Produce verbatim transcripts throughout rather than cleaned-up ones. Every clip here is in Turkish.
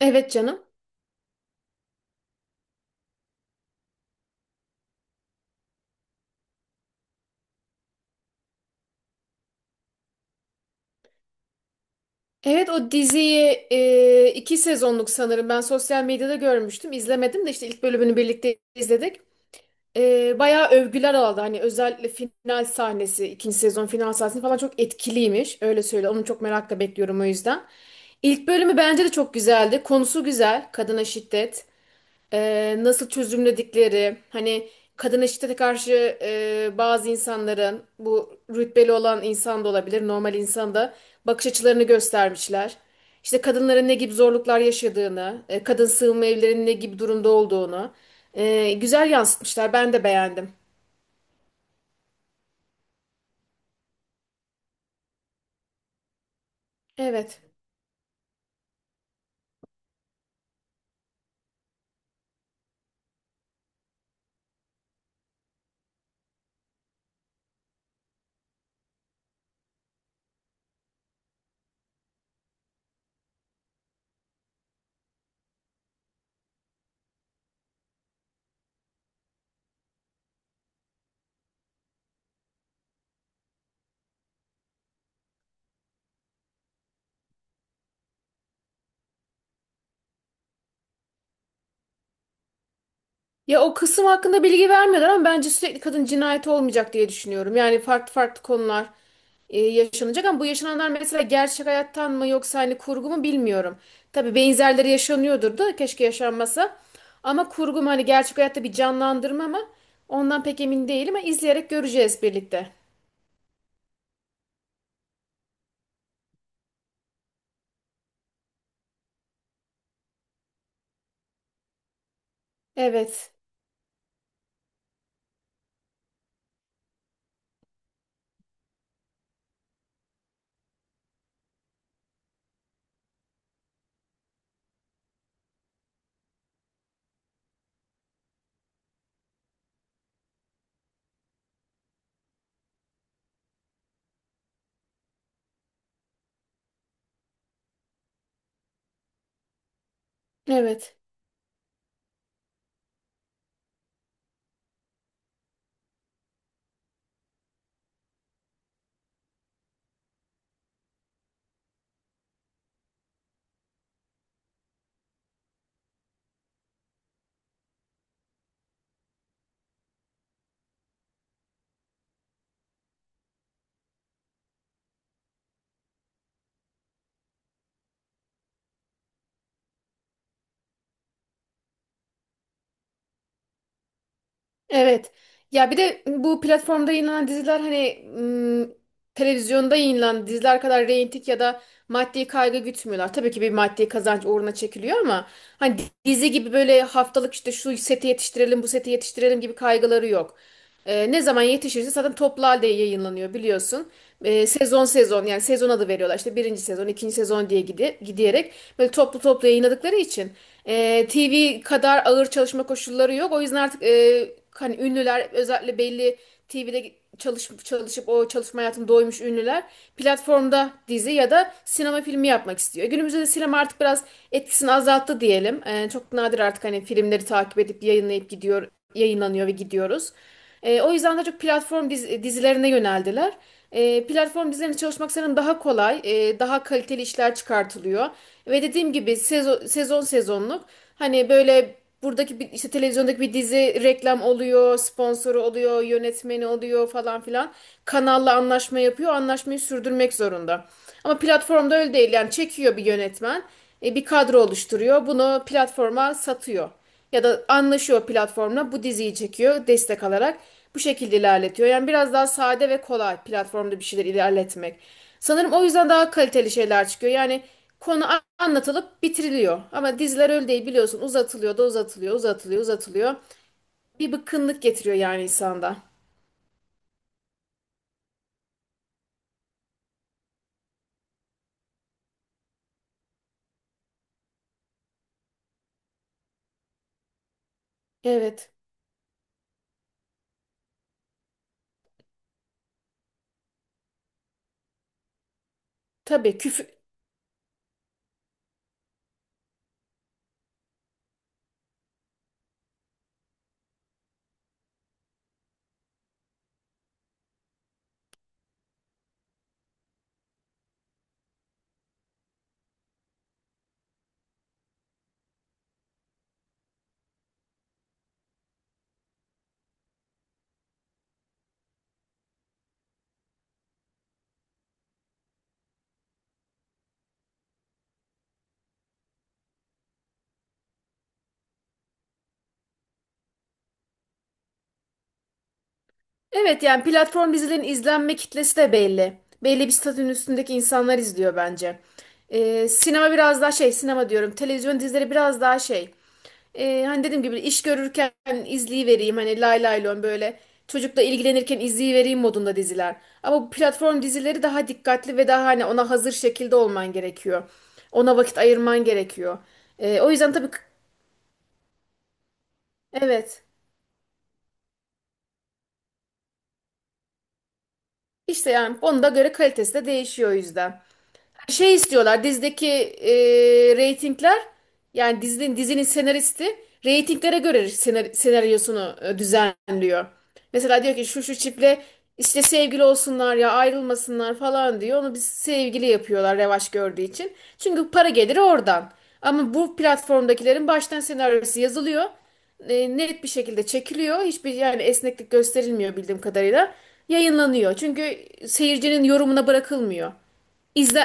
Evet canım. Evet o diziyi e, iki sezonluk sanırım. Ben sosyal medyada görmüştüm. İzlemedim de işte ilk bölümünü birlikte izledik. E, bayağı övgüler aldı. Hani özellikle final sahnesi, ikinci sezon final sahnesi falan çok etkiliymiş. Öyle söyle. Onu çok merakla bekliyorum o yüzden. İlk bölümü bence de çok güzeldi. Konusu güzel. Kadına şiddet. E, nasıl çözümledikleri, hani kadına şiddete karşı, e, bazı insanların, bu rütbeli olan insan da olabilir, normal insan da, bakış açılarını göstermişler. İşte kadınların ne gibi zorluklar yaşadığını, e, kadın sığınma evlerinin ne gibi durumda olduğunu, e, güzel yansıtmışlar. Ben de beğendim. Evet. Ya o kısım hakkında bilgi vermiyorlar ama bence sürekli kadın cinayeti olmayacak diye düşünüyorum. Yani farklı farklı konular e, yaşanacak ama bu yaşananlar mesela gerçek hayattan mı yoksa hani kurgu mu bilmiyorum. Tabii benzerleri yaşanıyordur da keşke yaşanmasa. Ama kurgu mu, hani gerçek hayatta bir canlandırma mı? Ondan pek emin değilim ama izleyerek göreceğiz birlikte. Evet. Evet. Evet. Ya bir de bu platformda yayınlanan diziler hani ım, televizyonda yayınlanan diziler kadar reyting ya da maddi kaygı gütmüyorlar. Tabii ki bir maddi kazanç uğruna çekiliyor ama hani dizi gibi böyle haftalık işte şu seti yetiştirelim, bu seti yetiştirelim gibi kaygıları yok. Ee, ne zaman yetişirse zaten toplu halde yayınlanıyor biliyorsun. Ee, sezon sezon, yani sezon adı veriyorlar işte birinci sezon, ikinci sezon diye gidi, gidiyerek böyle toplu toplu yayınladıkları için. E, T V kadar ağır çalışma koşulları yok. O yüzden artık, e, hani ünlüler, özellikle belli T V'de çalışıp çalışıp o çalışma hayatını doymuş ünlüler, platformda dizi ya da sinema filmi yapmak istiyor. Günümüzde de sinema artık biraz etkisini azalttı diyelim. E, çok nadir artık hani filmleri takip edip yayınlayıp gidiyor, yayınlanıyor ve gidiyoruz. E, o yüzden daha çok platform diz- dizilerine yöneldiler. E, platform dizilerinde çalışmak senin daha kolay, e, daha kaliteli işler çıkartılıyor. Ve dediğim gibi sezon, sezon sezonluk, hani böyle, buradaki bir, işte televizyondaki bir dizi, reklam oluyor, sponsoru oluyor, yönetmeni oluyor falan filan. Kanalla anlaşma yapıyor, anlaşmayı sürdürmek zorunda. Ama platformda öyle değil, yani çekiyor bir yönetmen, e, bir kadro oluşturuyor, bunu platforma satıyor. Ya da anlaşıyor platformla, bu diziyi çekiyor destek alarak bu şekilde ilerletiyor. Yani biraz daha sade ve kolay platformda bir şeyler ilerletmek. Sanırım o yüzden daha kaliteli şeyler çıkıyor. Yani konu a- anlatılıp bitiriliyor. Ama diziler öyle değil biliyorsun, uzatılıyor da uzatılıyor, uzatılıyor, uzatılıyor. Bir bıkkınlık getiriyor yani insanda. Evet. Tabii küfür. Evet, yani platform dizilerin izlenme kitlesi de belli. Belli bir statünün üstündeki insanlar izliyor bence. Ee, sinema biraz daha şey, sinema diyorum. Televizyon dizileri biraz daha şey. Ee, hani dediğim gibi iş görürken izleyivereyim. Hani lay lay lon, böyle çocukla ilgilenirken izleyivereyim modunda diziler. Ama bu platform dizileri daha dikkatli ve daha hani ona hazır şekilde olman gerekiyor. Ona vakit ayırman gerekiyor. Ee, o yüzden tabii evet, işte yani onda göre kalitesi de değişiyor o yüzden. Şey istiyorlar dizideki, e, reytingler, yani dizinin, dizinin senaristi reytinglere göre senar- senaryosunu, e, düzenliyor. Mesela diyor ki şu şu çiftle işte sevgili olsunlar ya ayrılmasınlar falan diyor. Onu biz sevgili yapıyorlar revaç gördüğü için. Çünkü para geliri oradan. Ama bu platformdakilerin baştan senaryosu yazılıyor. E, net bir şekilde çekiliyor. Hiçbir, yani esneklik gösterilmiyor bildiğim kadarıyla. Yayınlanıyor. Çünkü seyircinin yorumuna bırakılmıyor. İzle.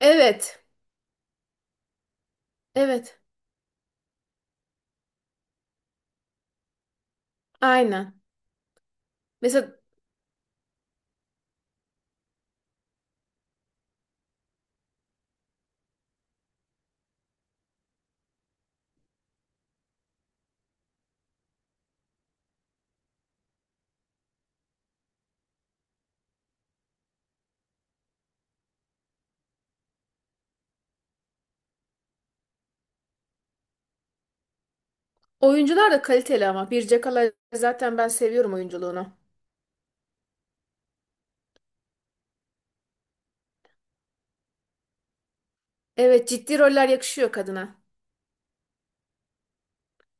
Evet. Evet. Aynen. Mesela oyuncular da kaliteli ama. Bir Cakala zaten ben seviyorum oyunculuğunu. Evet, ciddi roller yakışıyor kadına.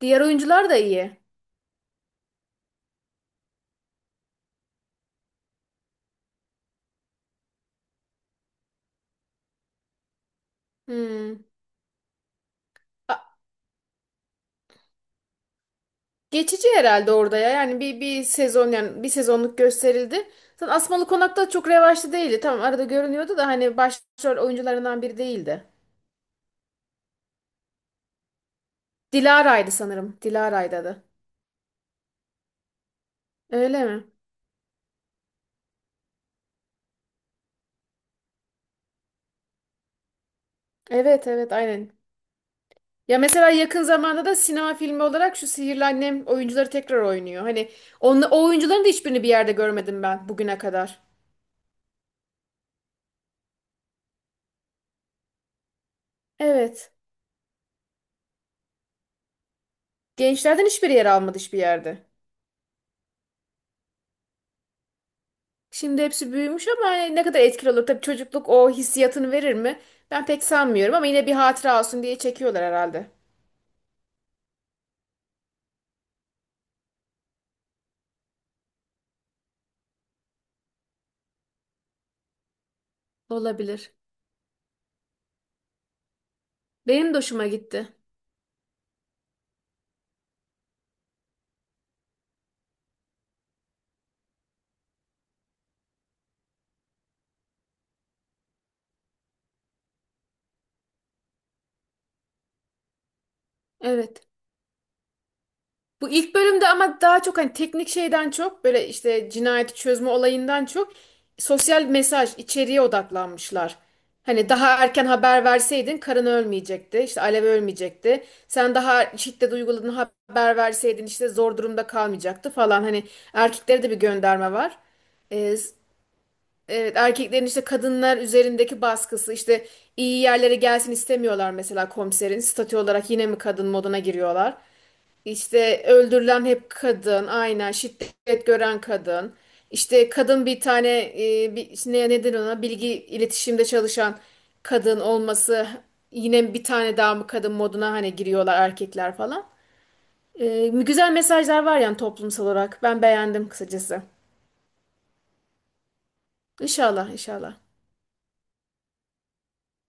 Diğer oyuncular da iyi. Hmm. A-. Geçici herhalde orada ya. Yani bir, bir sezon, yani bir sezonluk gösterildi. Zaten Asmalı Konak'ta çok revaçlı değildi. Tamam arada görünüyordu da hani başrol oyuncularından biri değildi. Dilara'ydı sanırım. Dilara'ydı adı. Öyle mi? Evet evet, aynen. Ya mesela yakın zamanda da sinema filmi olarak şu Sihirli Annem oyuncuları tekrar oynuyor. Hani onla, o oyuncuların da hiçbirini bir yerde görmedim ben bugüne kadar. Evet. Gençlerden hiçbir yer almadı hiçbir yerde. Şimdi hepsi büyümüş ama hani ne kadar etkili olur. Tabii çocukluk o hissiyatını verir mi? Ben pek sanmıyorum ama yine bir hatıra olsun diye çekiyorlar herhalde. Olabilir. Benim de hoşuma gitti. Evet. Bu ilk bölümde ama daha çok hani teknik şeyden çok böyle işte cinayeti çözme olayından çok sosyal mesaj içeriğe odaklanmışlar. Hani daha erken haber verseydin karın ölmeyecekti, işte Alev ölmeyecekti. Sen daha şiddet uyguladığını haber verseydin işte zor durumda kalmayacaktı falan. Hani erkeklere de bir gönderme var. Ee, s- evet, erkeklerin işte kadınlar üzerindeki baskısı, işte iyi yerlere gelsin istemiyorlar mesela komiserin. Statü olarak yine mi kadın moduna giriyorlar? İşte öldürülen hep kadın, aynen şiddet gören kadın. İşte kadın bir tane, e, bir, ne neden ona, bilgi iletişimde çalışan kadın olması, yine bir tane daha mı kadın moduna hani giriyorlar erkekler falan. E, güzel mesajlar var yani toplumsal olarak. Ben beğendim kısacası. İnşallah, inşallah.